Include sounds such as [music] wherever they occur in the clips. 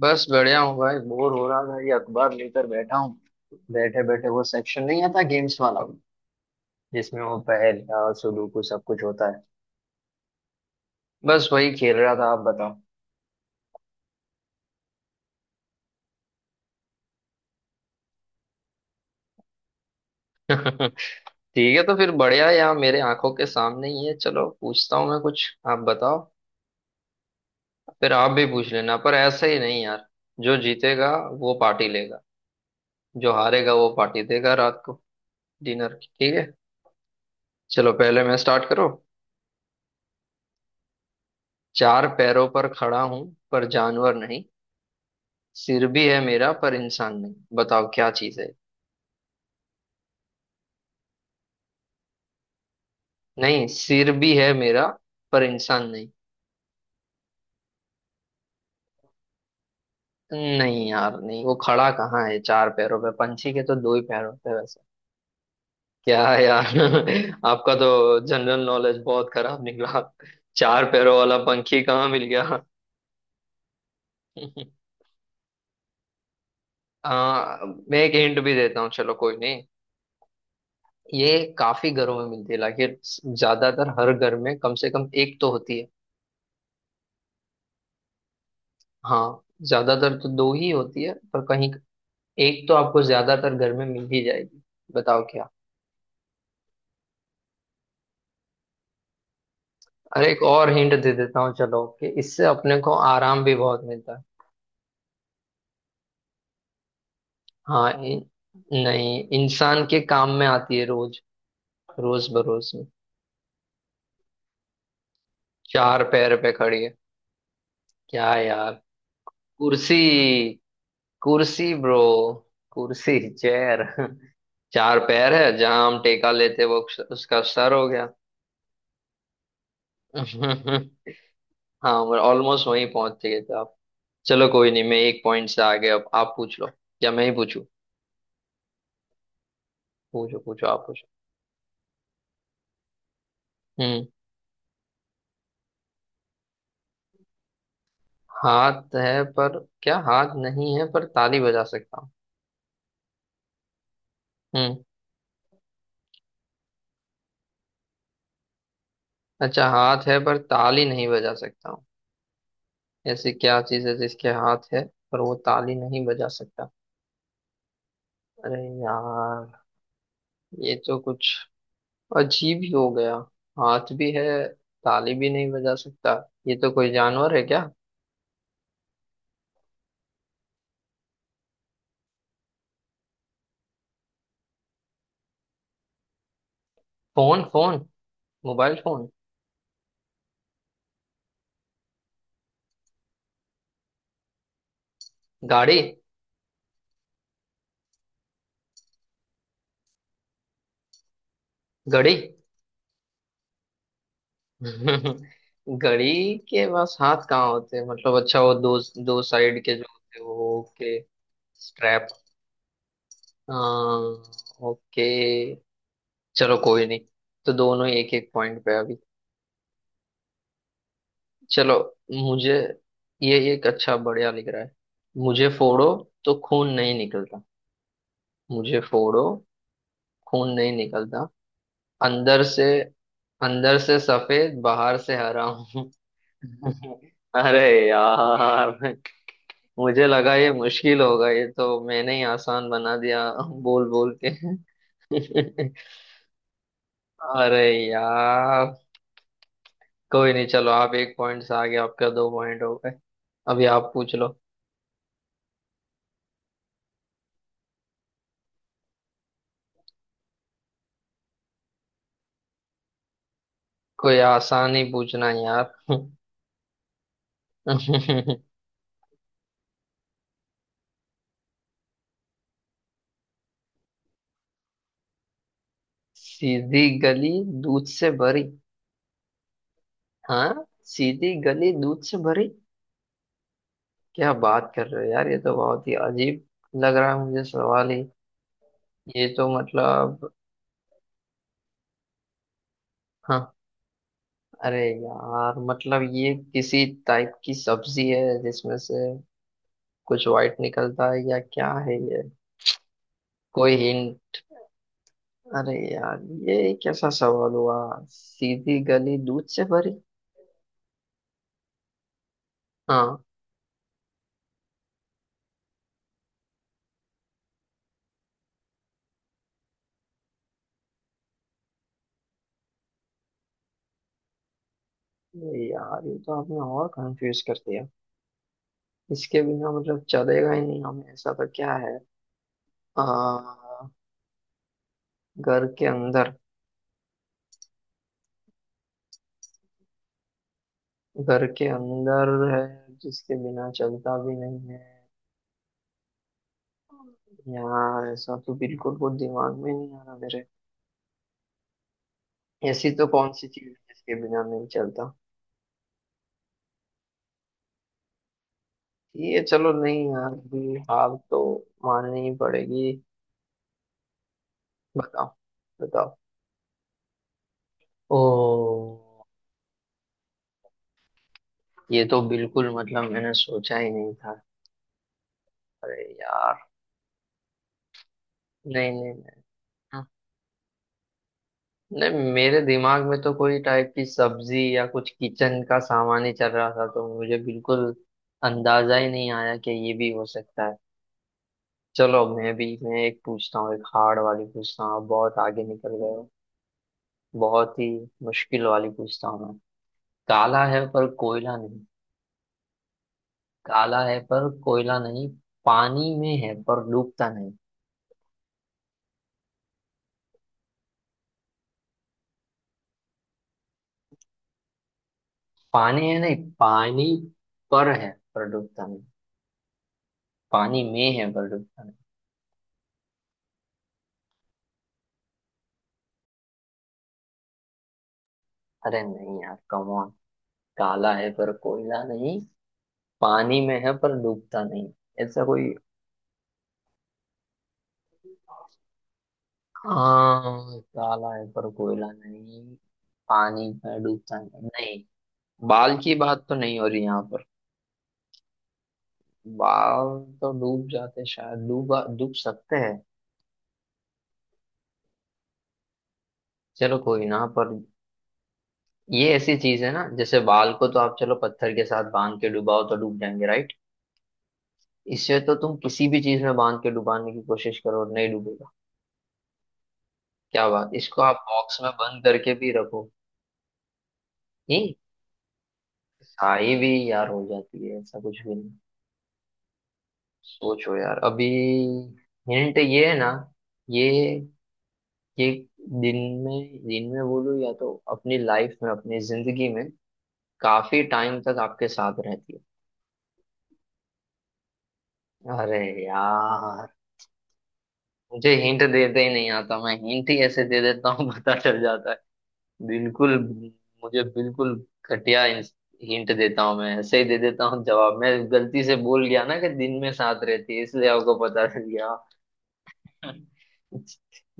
बस बढ़िया हूँ भाई। बोर हो रहा था, ये अखबार लेकर बैठा हूँ। बैठे बैठे, वो सेक्शन नहीं आता गेम्स वाला जिसमें वो पहेल और सुडोकू सब कुछ होता है। बस वही खेल रहा था, आप बताओ। [laughs] ठीक है, तो फिर बढ़िया। यहाँ मेरे आंखों के सामने ही है, चलो पूछता हूँ मैं कुछ। आप बताओ फिर, आप भी पूछ लेना, पर ऐसा ही नहीं यार। जो जीतेगा वो पार्टी लेगा, जो हारेगा वो पार्टी देगा रात को, डिनर की। ठीक है, चलो पहले मैं स्टार्ट करो। चार पैरों पर खड़ा हूं पर जानवर नहीं, सिर भी है मेरा पर इंसान नहीं, बताओ क्या चीज है। नहीं, सिर भी है मेरा पर इंसान नहीं। नहीं यार नहीं, वो खड़ा कहाँ है चार पैरों पे? पंछी के तो दो ही पैर होते हैं वैसे। क्या है यार [laughs] आपका तो जनरल नॉलेज बहुत खराब निकला। चार पैरों वाला पंखी कहाँ मिल गया? [laughs] आ, मैं एक हिंट भी देता हूँ, चलो कोई नहीं। ये काफी घरों में मिलती है, लाइक ज्यादातर हर घर में कम से कम एक तो होती है। हाँ, ज्यादातर तो दो ही होती है, पर कहीं एक तो आपको ज्यादातर घर में मिल ही जाएगी। बताओ क्या। अरे, एक और हिंट दे देता हूँ चलो, कि इससे अपने को आराम भी बहुत मिलता है। हाँ इन, नहीं, इंसान के काम में आती है रोज, रोज बरोज में। चार पैर पे खड़ी है। क्या यार। कुर्सी, कुर्सी ब्रो। कुर्सी, चेयर। [laughs] चार पैर है जहां हम टेका लेते वो, उसका सर हो गया। [laughs] हाँ, ऑलमोस्ट वहीं पहुंच गए थे आप। चलो कोई नहीं, मैं 1 पॉइंट से आगे। अब आप पूछ लो, या मैं ही पूछू। पूछो पूछो, आप पूछो। हम्म। हाथ है पर, क्या हाथ नहीं है पर ताली बजा सकता हूँ? हम्म। अच्छा, हाथ है पर ताली नहीं बजा सकता हूँ। ऐसी क्या चीज है जिसके हाथ है पर वो ताली नहीं बजा सकता? अरे यार, ये तो कुछ अजीब ही हो गया। हाथ भी है, ताली भी नहीं बजा सकता। ये तो कोई जानवर है क्या? Phone, phone. Mobile phone. गाड़ी। घड़ी। [laughs] घड़ी के पास हाथ कहाँ होते हैं? मतलब अच्छा, वो दो, दो साइड के जो होते हैं वो। ओके। स्ट्रैप। हाँ। ओके। चलो कोई नहीं, तो दोनों 1-1 पॉइंट पे अभी। चलो। मुझे, ये एक अच्छा बढ़िया लिख रहा है। मुझे फोड़ो तो खून नहीं निकलता। मुझे फोड़ो, खून नहीं निकलता। अंदर से, अंदर से सफेद, बाहर से हरा हूँ। [laughs] अरे यार, मुझे लगा ये मुश्किल होगा, ये तो मैंने ही आसान बना दिया बोल बोल के। [laughs] अरे यार। कोई नहीं, चलो आप 1 पॉइंट से आगे, आपका 2 पॉइंट हो गए। अभी आप पूछ लो। कोई आसान ही पूछना यार। [laughs] सीधी गली, दूध से भरी। हाँ, सीधी गली दूध से भरी। क्या बात कर रहे हो यार, ये तो बहुत ही अजीब लग रहा है मुझे सवाल ही। ये तो मतलब, हाँ। अरे यार, मतलब ये किसी टाइप की सब्जी है जिसमें से कुछ व्हाइट निकलता है या क्या है ये? कोई हिंट? अरे यार, ये कैसा सवाल हुआ? सीधी गली, दूध से भरी। हाँ। अरे यार, ये तो आपने और कंफ्यूज कर दिया। इसके बिना मतलब चलेगा ही नहीं हमें, ऐसा तो क्या है? आ, घर के अंदर? घर के अंदर है जिसके बिना चलता भी नहीं है? यार ऐसा तो बिल्कुल कुछ दिमाग में नहीं आ रहा मेरे। ऐसी तो कौन सी चीज है जिसके बिना नहीं चलता? ये चलो नहीं यार, अभी हार तो माननी ही पड़ेगी। बताओ, बताओ। ओ। ये तो बिल्कुल मतलब मैंने सोचा ही नहीं था। अरे यार। नहीं नहीं नहीं, हाँ, नहीं मेरे दिमाग में तो कोई टाइप की सब्जी या कुछ किचन का सामान ही चल रहा था, तो मुझे बिल्कुल अंदाजा ही नहीं आया कि ये भी हो सकता है। चलो मैं भी, मैं एक पूछता हूँ, एक हार्ड वाली पूछता हूँ। आप बहुत आगे निकल गए हो। बहुत ही मुश्किल वाली पूछता हूँ मैं। काला है पर कोयला नहीं। काला है पर कोयला नहीं, पानी में है पर डूबता नहीं। पानी है, नहीं पानी पर है, पर डूबता नहीं। पानी में है पर डूबता नहीं। अरे नहीं यार, कम ऑन। काला है पर कोयला नहीं, पानी में है पर डूबता नहीं। ऐसा कोई। हाँ, काला है पर कोयला नहीं, पानी में डूबता नहीं नहीं। बाल की बात तो नहीं हो रही यहाँ पर? वाव तो डूब जाते शायद, डूबा, डूब सकते हैं। चलो कोई ना। पर ये ऐसी चीज है ना, जैसे बाल को तो आप चलो पत्थर के साथ बांध के डुबाओ तो डूब जाएंगे राइट? इससे तो तुम किसी भी चीज में बांध के डुबाने की कोशिश करो और नहीं डूबेगा। क्या बात। इसको आप बॉक्स में बंद करके भी रखो। नहीं, साई भी यार हो जाती है, ऐसा कुछ भी नहीं। सोचो यार अभी। हिंट ये है ना, ये ये दिन दिन में बोलो, या तो अपनी लाइफ में, अपनी जिंदगी में काफी टाइम तक आपके साथ रहती है। अरे यार, मुझे हिंट देते ही नहीं आता, मैं हिंट ही ऐसे दे देता हूँ [laughs] पता चल जाता है। बिल्कुल, मुझे बिल्कुल घटिया हिंट देता हूँ मैं, ऐसे ही दे देता हूँ जवाब। मैं गलती से बोल गया ना कि दिन में साथ रहती है, इसलिए आपको पता चल गया। [laughs]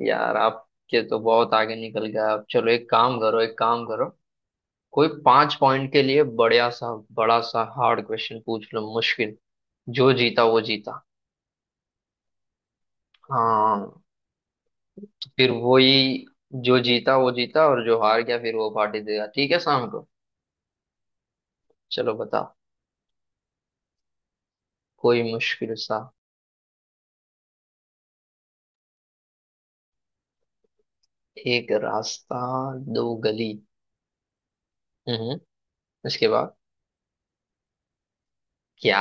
यार आपके तो बहुत आगे निकल गया। आप चलो एक काम करो, एक काम करो, कोई 5 पॉइंट के लिए बढ़िया सा, बड़ा सा हार्ड क्वेश्चन पूछ लो, मुश्किल। जो जीता वो जीता। हाँ, फिर वही, जो जीता वो जीता, और जो हार गया फिर वो पार्टी देगा, ठीक है, शाम को। चलो बता, कोई मुश्किल सा। एक रास्ता, दो गली। हम्म, उसके बाद? क्या,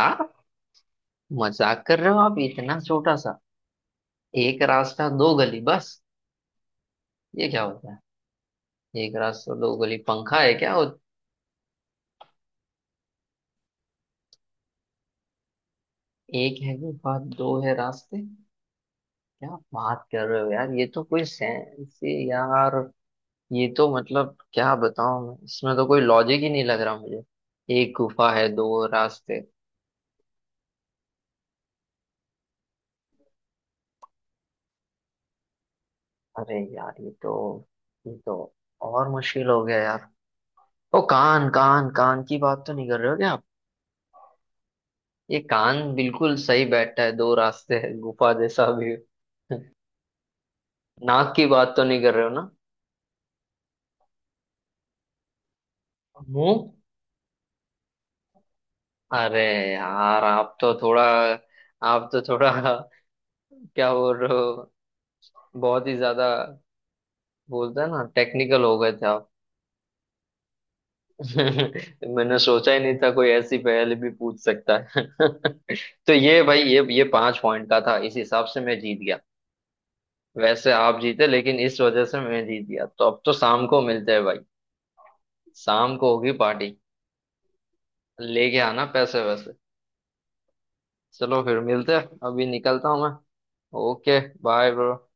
मजाक कर रहे हो आप, इतना छोटा सा? एक रास्ता, दो गली बस? ये क्या होता है? एक रास्ता, दो गली, पंखा है क्या? और एक है गुफा, दो है रास्ते? क्या बात कर रहे हो यार, ये तो कोई सेंस यार। ये तो मतलब क्या बताऊं मैं, इसमें तो कोई लॉजिक ही नहीं लग रहा मुझे। एक गुफा है, दो रास्ते। अरे यार, ये तो और मुश्किल हो गया यार। ओ, कान, कान कान की बात तो नहीं कर रहे हो क्या आप? ये कान बिल्कुल सही बैठा है, दो रास्ते है, गुफा जैसा भी है। नाक की बात तो नहीं कर रहे हो ना? मुंह। अरे यार, आप तो थोड़ा [laughs] क्या बोल रहे हो। बहुत ही ज्यादा, बोलते हैं ना, टेक्निकल हो गए थे आप। [laughs] मैंने सोचा ही नहीं था कोई ऐसी पहेली भी पूछ सकता है। [laughs] तो ये भाई, ये 5 पॉइंट का था, इस हिसाब से मैं जीत गया। वैसे आप जीते, लेकिन इस वजह से मैं जीत गया, तो अब तो शाम को मिलते हैं भाई। शाम को होगी पार्टी, लेके आना पैसे वैसे। चलो फिर मिलते हैं, अभी निकलता हूँ मैं। Okay, bye bro.